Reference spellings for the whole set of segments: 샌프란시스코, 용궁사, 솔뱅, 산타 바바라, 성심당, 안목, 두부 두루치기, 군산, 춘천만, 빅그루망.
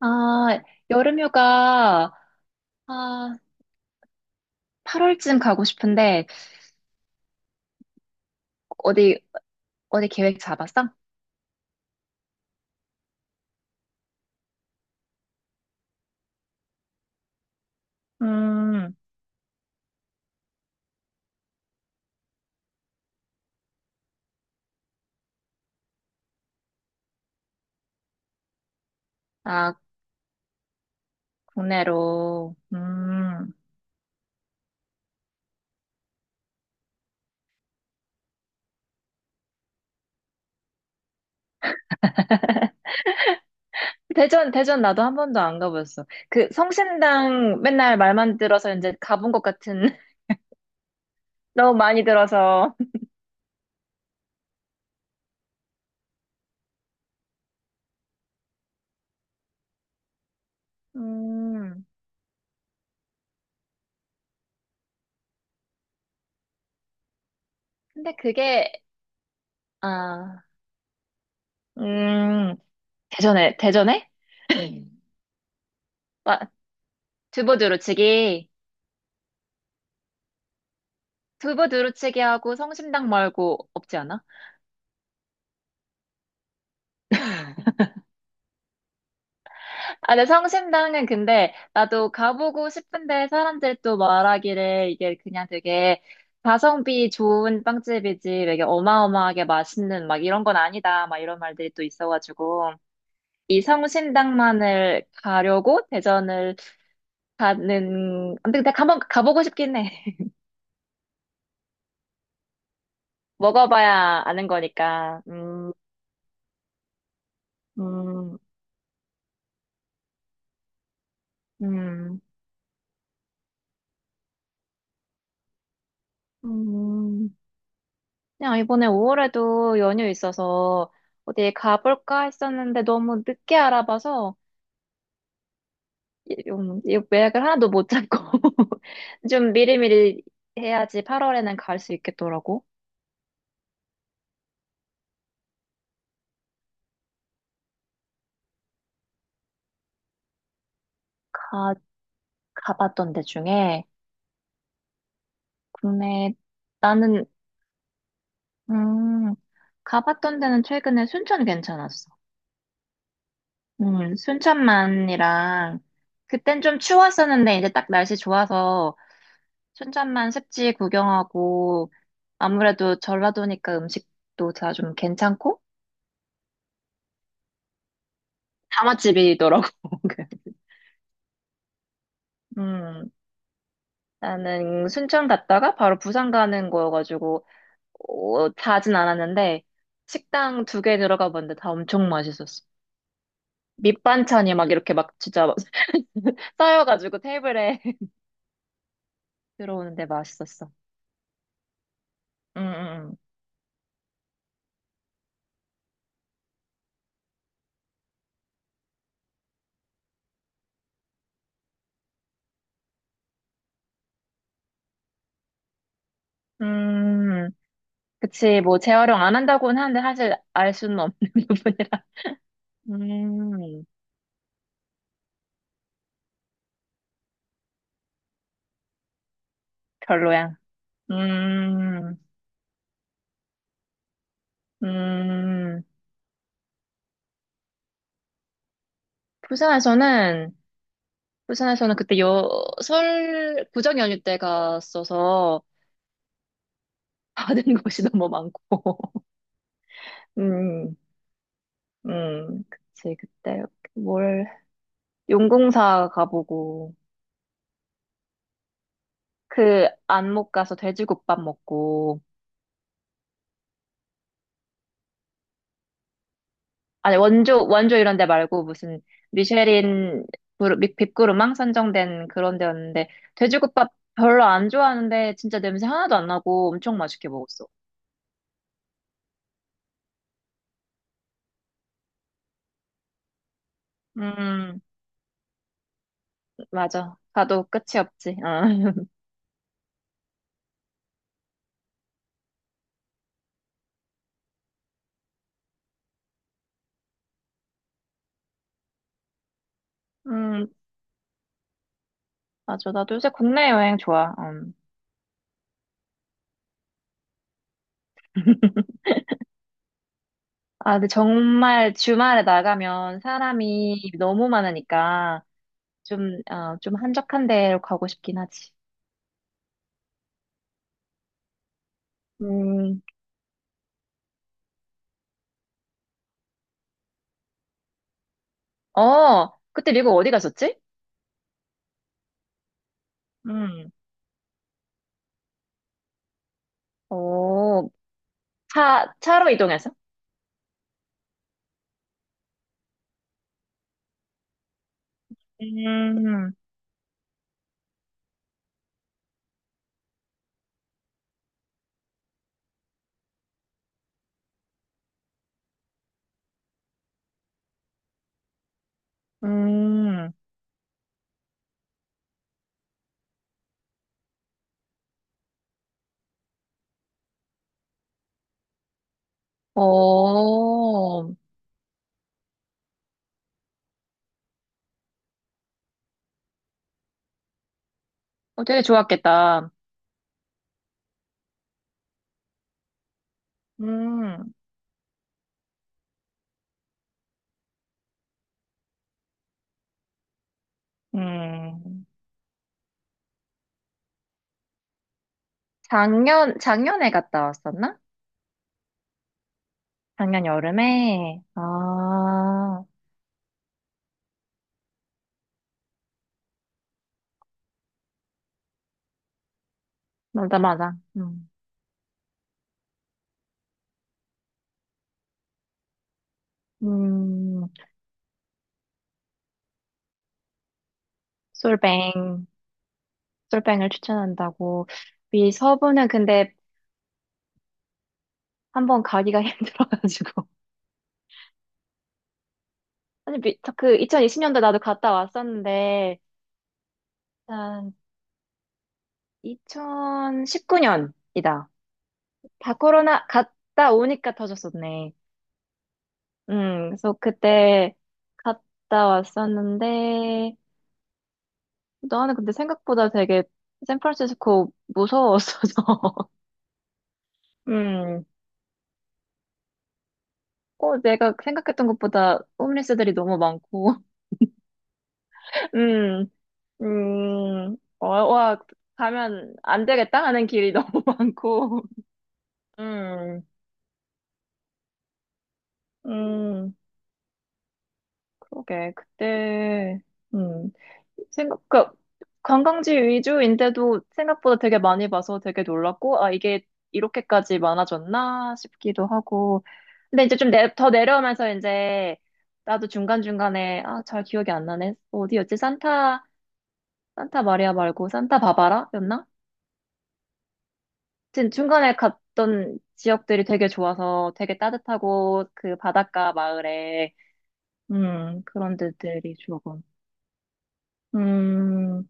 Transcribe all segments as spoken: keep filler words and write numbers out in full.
아, 여름휴가, 아, 팔월쯤 가고 싶은데, 어디, 어디 계획 잡았어? 음, 아, 국내로, 음, 대전, 대전 나도 한 번도 안 가봤어. 그 성심당 맨날 말만 들어서 이제 가본 것 같은, 너무 많이 들어서. 음, 근데 그게, 아, 음, 대전에, 대전에? 와, 두부 두루치기. 두부 두루치기하고 성심당 말고 없지 않아? 아, 네, 성심당은 근데 나도 가보고 싶은데 사람들도 말하기를 이게 그냥 되게 가성비 좋은 빵집이지 되게 어마어마하게 맛있는 막 이런 건 아니다 막 이런 말들이 또 있어가지고 이 성심당만을 가려고 대전을 가는 근데 근데 한번 가보고 싶긴 해. 먹어봐야 아는 거니까. 음, 음, 음. 음. 그냥 이번에 오월에도 연휴 있어서 어디 가볼까 했었는데 너무 늦게 알아봐서 이- 음, 이 예약을 하나도 못 잡고 좀 미리미리 해야지 팔월에는 갈 수 있겠더라고. 가, 가봤던 데 중에 국내 나는 음, 가봤던 데는 최근에 순천 괜찮았어. 음, 순천만이랑 그땐 좀 추웠었는데 이제 딱 날씨 좋아서 춘천만 습지 구경하고 아무래도 전라도니까 음식도 다 좀 괜찮고 다맛집이더라고. 음, 나는 순천 갔다가 바로 부산 가는 거여가지고 어, 자진 않았는데 식당 두 개 들어가 봤는데 다 엄청 맛있었어. 밑반찬이 막 이렇게 막 진짜 막 쌓여가지고 테이블에 들어오는데 맛있었어. 음, 음, 음. 음, 그치. 뭐 재활용 안 한다고는 하는데 사실 알 수는 없는 부분이라. 음. 별로야. 음, 음, 부산에서는, 부산에서는 그때 여, 설, 구정 연휴 때 갔어서 받은 것이 너무 많고. 음, 음, 그치. 그때 뭘, 용궁사 가보고, 그 안목 가서 돼지국밥 먹고, 아니 원조 원조 이런 데 말고 무슨 미쉐린 그루- 빅- 빅그루망 선정된 그런 데였는데 돼지국밥 별로 안 좋아하는데 진짜 냄새 하나도 안 나고 엄청 맛있게 먹었어. 음, 맞아. 가도 끝이 없지. 응. 음, 맞아. 나도 요새 국내 여행 좋아. 음. 아, 근데 정말 주말에 나가면 사람이 너무 많으니까 좀, 어, 좀 한적한 데로 가고 싶긴 하지. 음, 어, 그때 미국 어디 갔었지? 음. 오, 차, 차로 이동해서? 음, 음, 오, 어, 되게 좋았겠다. 음, 음. 작년, 작년에 갔다 왔었나? 작년 여름에, 아, 맞아, 맞아. 음. 음, 솔뱅, 솔뱅을 추천한다고. 미 서부는 근데 한번 가기가 힘들어가지고. 아니, 미, 저 그 이천이십 년도 나도 갔다 왔었는데, 한 이천십구 년이다. 다 코로나 갔다 오니까 터졌었네. 음, 그래서 그때 갔다 왔었는데, 나는 근데 생각보다 되게 샌프란시스코 무서웠어서. 음, 어, 내가 생각했던 것보다 홈리스들이 너무 많고. 음, 음, 어, 와, 가면 안 되겠다 하는 길이 너무 많고. 음, 음, 그러게. 그때, 음. 생각, 그, 관광지 위주인데도 생각보다 되게 많이 봐서 되게 놀랐고, 아, 이게 이렇게까지 많아졌나 싶기도 하고. 근데 이제 좀 내, 더 내려오면서 이제, 나도 중간중간에, 아, 잘 기억이 안 나네. 어디였지? 산타, 산타 마리아 말고 산타 바바라? 였나? 하튼 중간에 갔던 지역들이 되게 좋아서 되게 따뜻하고, 그 바닷가 마을에, 음, 그런 데들이 좋아서. 음,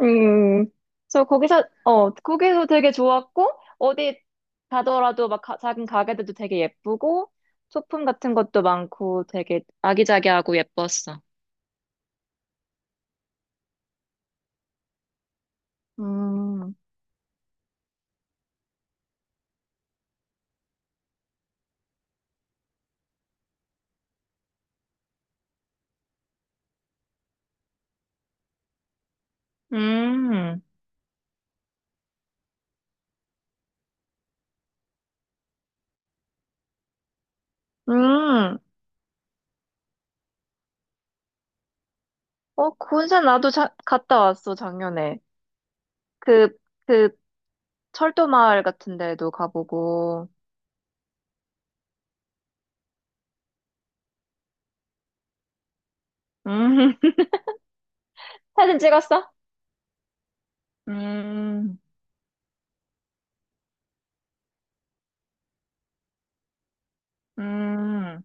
음, 저 거기서, 어, 거기서 되게 좋았고, 어디 가더라도 막 가- 작은 가게들도 되게 예쁘고, 소품 같은 것도 많고, 되게 아기자기하고 예뻤어. 음, 음, 음. 어, 군산 나도 자, 갔다 왔어, 작년에. 그, 그, 철도 마을 같은 데도 가보고. 음, 사진 찍었어? 음, 음,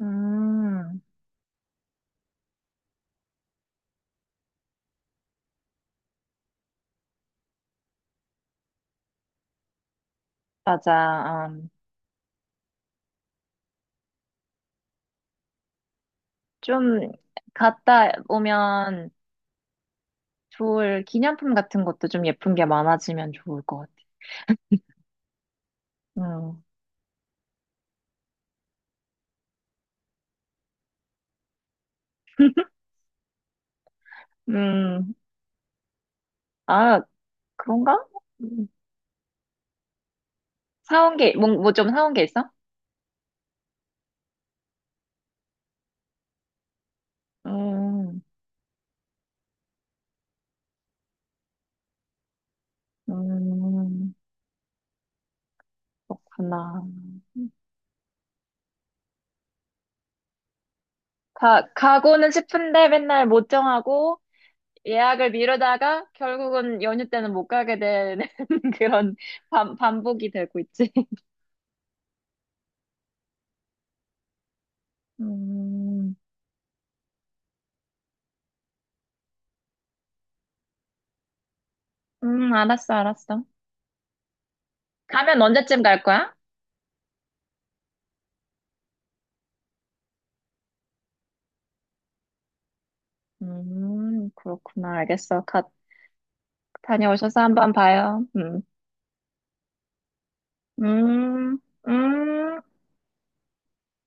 음. 맞아. 좀 갔다 오면 좋을 기념품 같은 것도 좀 예쁜 게 많아지면 좋을 것 같아. 음, 음, 아, 그런가? 음, 사온 게, 뭐, 뭐 좀 사온 게 있어? 음, 음, 그렇구나. 가, 가고는 싶은데 맨날 못 정하고 예약을 미루다가 결국은 연휴 때는 못 가게 되는 그런 반, 반복이 되고 있지. 음, 음, 알았어, 알았어. 가면 언제쯤 갈 거야? 음, 그렇구나. 알겠어. 갓 다녀오셔서 한번 봐요. 음, 음, 음.